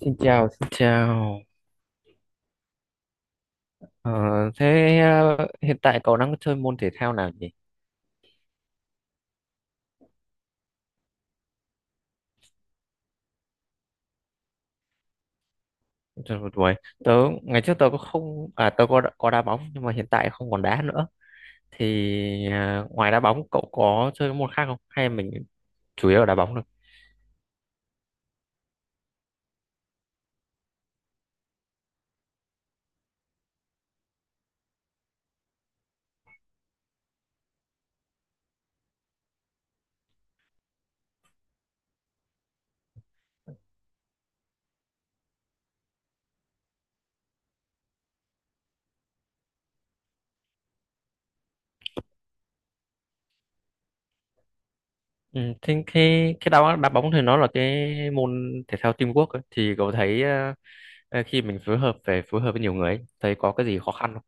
Xin chào, xin chào. Ờ, hiện tại cậu đang chơi môn thể thao nào nhỉ? Trời ơi, Tuổi. Tớ ngày trước tớ có không à tớ có đá bóng nhưng mà hiện tại không còn đá nữa. Ngoài đá bóng cậu có chơi môn khác không? Hay mình chủ yếu là đá bóng thôi? Ừ, thế cái đá đá bóng thì nó là cái môn thể thao teamwork ấy. Thì cậu thấy khi mình phối hợp phải phối hợp với nhiều người ấy, thấy có cái gì khó khăn không?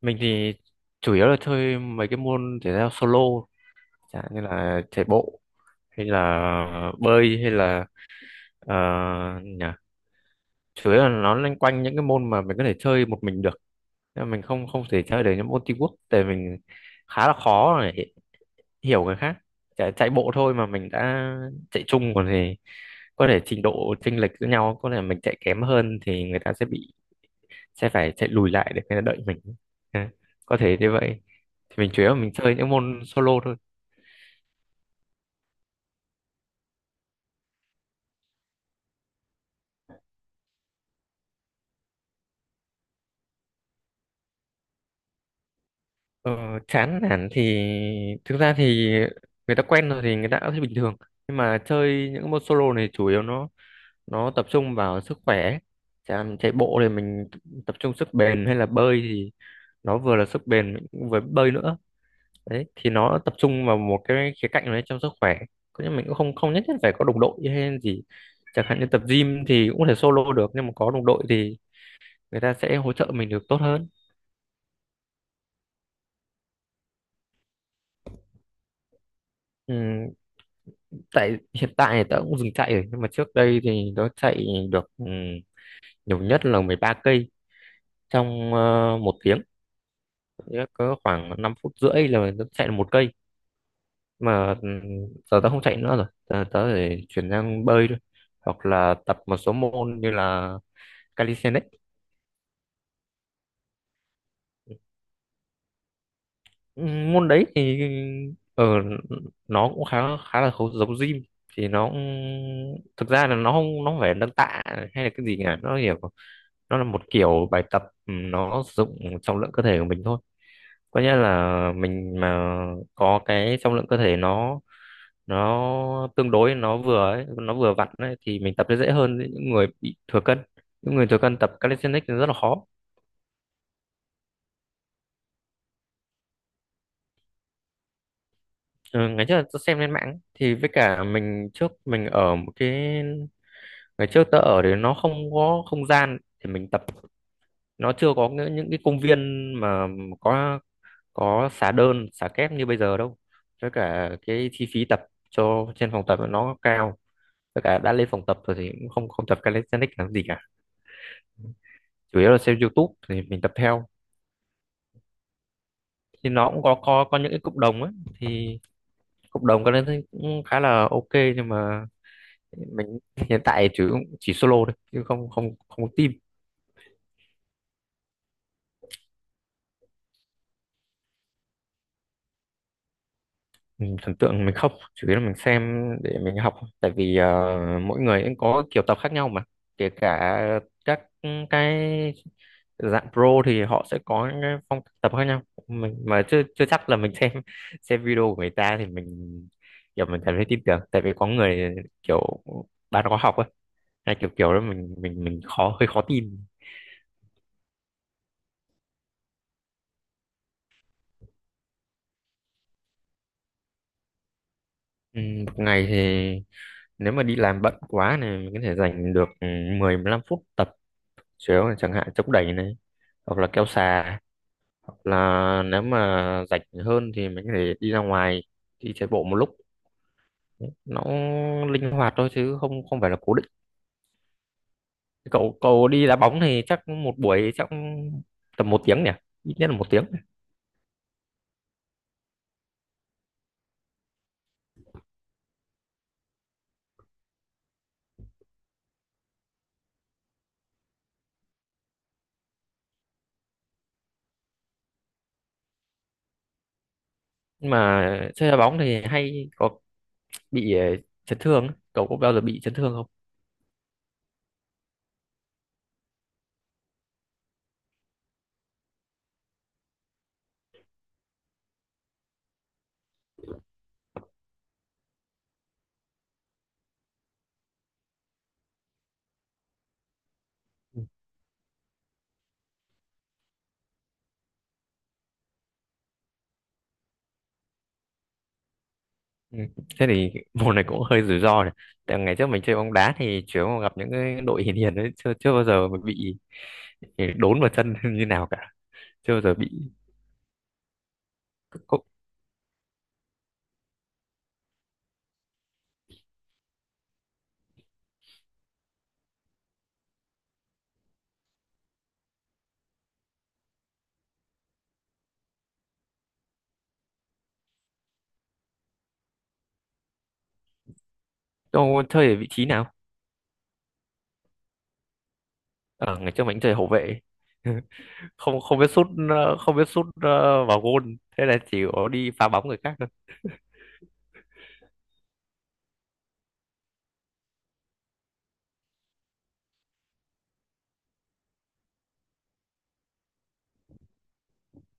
Mình thì chủ yếu là chơi mấy cái môn thể thao solo, chẳng như là chạy bộ hay là bơi hay là ờ, nhỉ chủ yếu là nó loanh quanh những cái môn mà mình có thể chơi một mình được, nên mình không không thể chơi được những môn teamwork. Tại mình khá là khó để hiểu người khác. Chạy bộ thôi mà mình đã chạy chung, còn thì có thể trình độ chênh lệch giữa nhau, có thể mình chạy kém hơn thì người ta sẽ phải chạy lùi lại để người ta đợi mình. Ừ, có thể như vậy, thì mình chủ yếu là mình chơi những môn solo thôi. Ờ, chán nản thì thực ra thì người ta quen rồi thì người ta cũng thấy bình thường, nhưng mà chơi những cái môn solo này chủ yếu nó tập trung vào sức khỏe. Chẳng chạy bộ thì mình tập trung sức bền, hay là bơi thì nó vừa là sức bền mình cũng vừa bơi nữa. Đấy thì nó tập trung vào một cái khía cạnh đấy trong sức khỏe. Có nhưng mình cũng không không nhất thiết phải có đồng đội hay gì, chẳng hạn như tập gym thì cũng có thể solo được, nhưng mà có đồng đội thì người ta sẽ hỗ trợ mình được tốt hơn. ừ, Tại hiện tại thì tớ cũng dừng chạy rồi, nhưng mà trước đây thì tớ chạy được nhiều nhất là 13 cây trong 1 tiếng. Nghĩa là có khoảng 5 phút rưỡi là tớ chạy được 1 cây mà. Ừ, Giờ tớ không chạy nữa rồi, tớ để chuyển sang bơi thôi, hoặc là tập một số môn như là calisthenics. Môn đấy thì ở nó cũng khá khá là giống gym thì thực ra là nó không phải nâng tạ hay là cái gì cả. Nó hiểu nó là một kiểu bài tập, nó sử dụng trọng lượng cơ thể của mình thôi. Có nghĩa là mình mà có cái trọng lượng cơ thể nó tương đối, nó vừa ấy, nó vừa vặn ấy, thì mình tập sẽ dễ hơn những người bị thừa cân. Những người thừa cân tập calisthenics thì rất là khó. Ừ, Ngày trước tôi xem lên mạng ấy, thì với cả mình trước mình ở một cái, ngày trước tớ ở thì nó không có không gian thì mình tập, nó chưa có những cái công viên mà có có xà đơn xà kép như bây giờ đâu. Với cả cái chi phí tập cho trên phòng tập nó cao, với cả đã lên phòng tập rồi thì cũng không không tập calisthenics làm gì cả. Chủ yếu là xem YouTube thì mình tập theo, thì nó cũng có những cái cộng đồng ấy, thì cộng đồng calisthenics cũng khá là ok. Nhưng mà mình hiện tại chỉ solo thôi chứ không không không có team. Mình thần tượng mình không, chủ yếu là mình xem để mình học, tại vì mỗi người cũng có kiểu tập khác nhau mà. Kể cả các cái dạng pro thì họ sẽ có những cái phong cách tập khác nhau, mình mà chưa chưa chắc là mình xem video của người ta thì mình kiểu mình cảm thấy tin tưởng. Tại vì có người kiểu bán khóa học ấy, hay kiểu kiểu đó mình khó hơi khó tin. ừ, Một ngày thì nếu mà đi làm bận quá này mình có thể dành được 10 15 phút tập chéo này, chẳng hạn chống đẩy này, hoặc là kéo xà, hoặc là nếu mà rảnh hơn thì mình có thể đi ra ngoài đi chạy bộ một lúc. Nó linh hoạt thôi chứ không không phải là cố định. Cậu cậu đi đá bóng thì chắc một buổi chắc tầm 1 tiếng nhỉ, ít nhất là 1 tiếng. Nhưng mà chơi đá bóng thì hay có bị chấn thương ấy. Cậu có bao giờ bị chấn thương không? Ừ. Thế thì môn này cũng hơi rủi ro này. Tại ngày trước mình chơi bóng đá thì chủ yếu gặp những cái đội hiền hiền đấy, chưa chưa bao giờ mà bị đốn vào chân như nào cả. Chưa bao giờ bị. cậu, Cậu chơi ở vị trí nào? Ở ngày trước mình chơi hậu vệ. Không không biết sút không biết sút vào gôn. Thế là chỉ có đi phá bóng người khác thôi.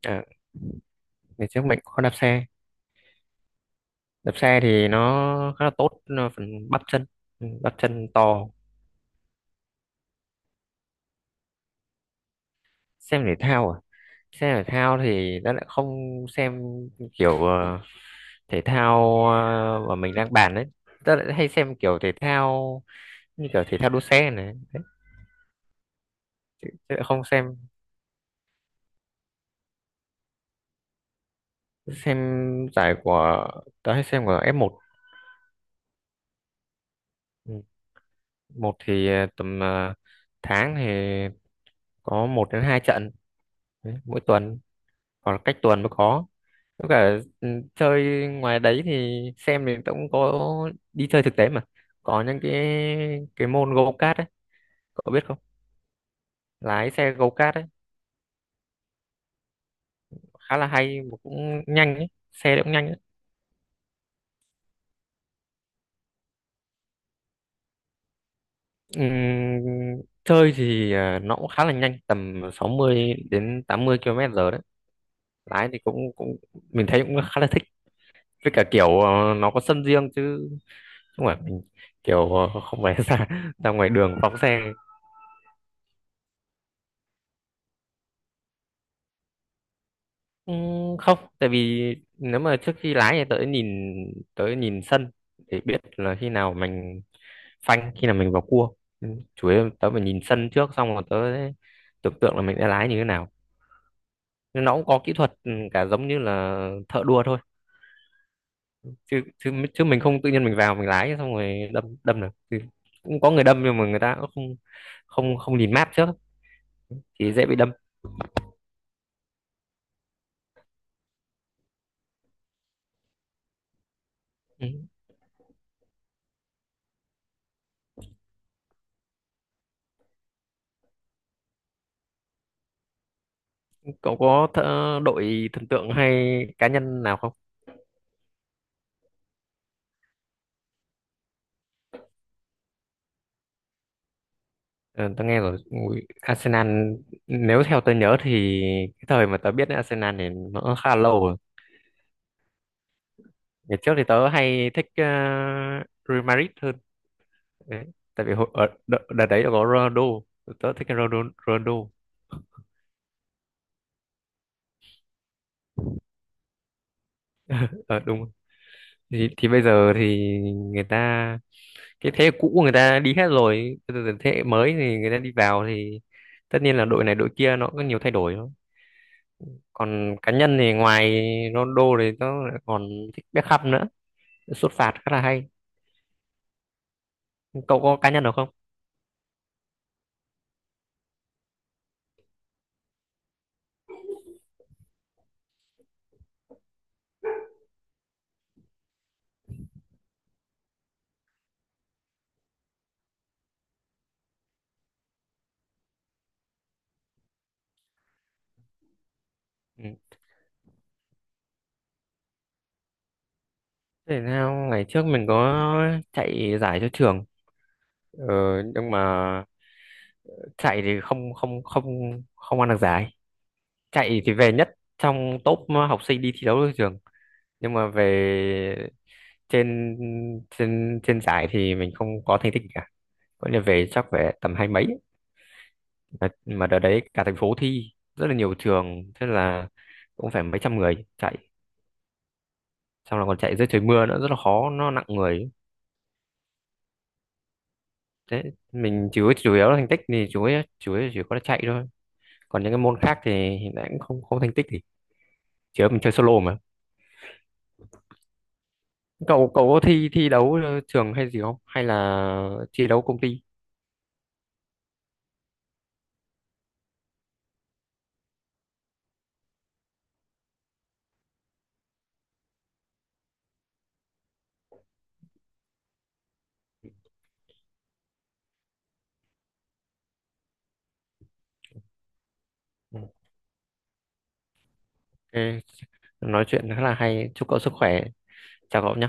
À, ngày trước mình có đạp xe. Đạp xe thì nó khá là tốt, nó phần bắp chân. Ừ, bắp chân to. Xem thể thao à? Xem thể thao thì nó lại không xem kiểu thể thao mà mình đang bàn đấy, ta lại hay xem kiểu thể thao như kiểu thể thao đua xe này đấy. Chứ chứ lại không xem. Xem giải của, tớ hay xem của F1. Ừ. Một thì tầm tháng thì có một đến hai trận đấy, mỗi tuần hoặc là cách tuần mới có. Với cả chơi ngoài đấy thì xem thì tớ cũng có đi chơi thực tế mà, có những cái môn go kart ấy, cậu biết không? Lái xe go kart ấy khá là hay mà cũng nhanh ấy, xe cũng nhanh ấy. Chơi thì à, nó cũng khá là nhanh tầm 60 đến 80 km giờ đấy. Lái thì cũng cũng mình thấy cũng khá là thích. Với cả kiểu nó có sân riêng chứ không phải mình kiểu không phải ra ra ngoài đường phóng xe. Ừ, không. Tại vì nếu mà trước khi lái thì tớ nhìn, tớ nhìn sân để biết là khi nào mình phanh, khi nào mình vào cua. Ừ, chủ yếu tớ phải nhìn sân trước xong rồi tớ sẽ tưởng tượng là mình sẽ lái như thế nào. Nhưng nó cũng có kỹ thuật, cả giống như là thợ đua thôi. Chứ chứ chứ mình không tự nhiên mình vào mình lái xong rồi đâm đâm được thì. Cũng có người đâm nhưng mà người ta cũng không không không nhìn map trước thì dễ bị đâm. Ừ. cậu có thợ, đội thần tượng hay cá nhân nào không? Ờ, tớ nghe rồi. Ui, Arsenal, nếu theo tớ nhớ thì cái thời mà tớ biết đến Arsenal thì nó khá là lâu rồi. Ngày trước thì tớ hay thích Real Madrid hơn đấy, tại vì ở đợt đấy có Ronaldo, tớ thích Ronaldo. Ronaldo. Ờ, đúng. Thì bây giờ thì người ta cái thế hệ cũ người ta đi hết rồi, bây giờ thế hệ mới thì người ta đi vào, thì tất nhiên là đội này đội kia nó có nhiều thay đổi thôi. Còn cá nhân thì ngoài Ronaldo thì tớ lại còn thích Beckham nữa, sút phạt khá là hay. Cậu có cá nhân được không? Ừ. Thể thao ngày trước mình có chạy giải cho trường ờ, nhưng mà chạy thì không không không không ăn được giải. Chạy thì về nhất trong top học sinh đi thi đấu ở trường, nhưng mà về trên trên trên giải thì mình không có thành tích cả. Vậy là về chắc phải tầm hai mấy mà, đợt đấy cả thành phố thi rất là nhiều trường, thế là cũng phải mấy trăm người chạy, xong là còn chạy dưới trời mưa nữa rất là khó, nó nặng người. Thế mình chủ chủ yếu là thành tích thì chủ yếu chỉ có là chạy thôi. Còn những cái môn khác thì hiện tại cũng không không thành tích thì chỉ có mình chơi solo mà. Cậu cậu có thi thi đấu trường hay gì không? Hay là thi đấu công ty? Ừ, ok, nói chuyện khá là hay. Chúc cậu sức khỏe. Chào cậu nhé.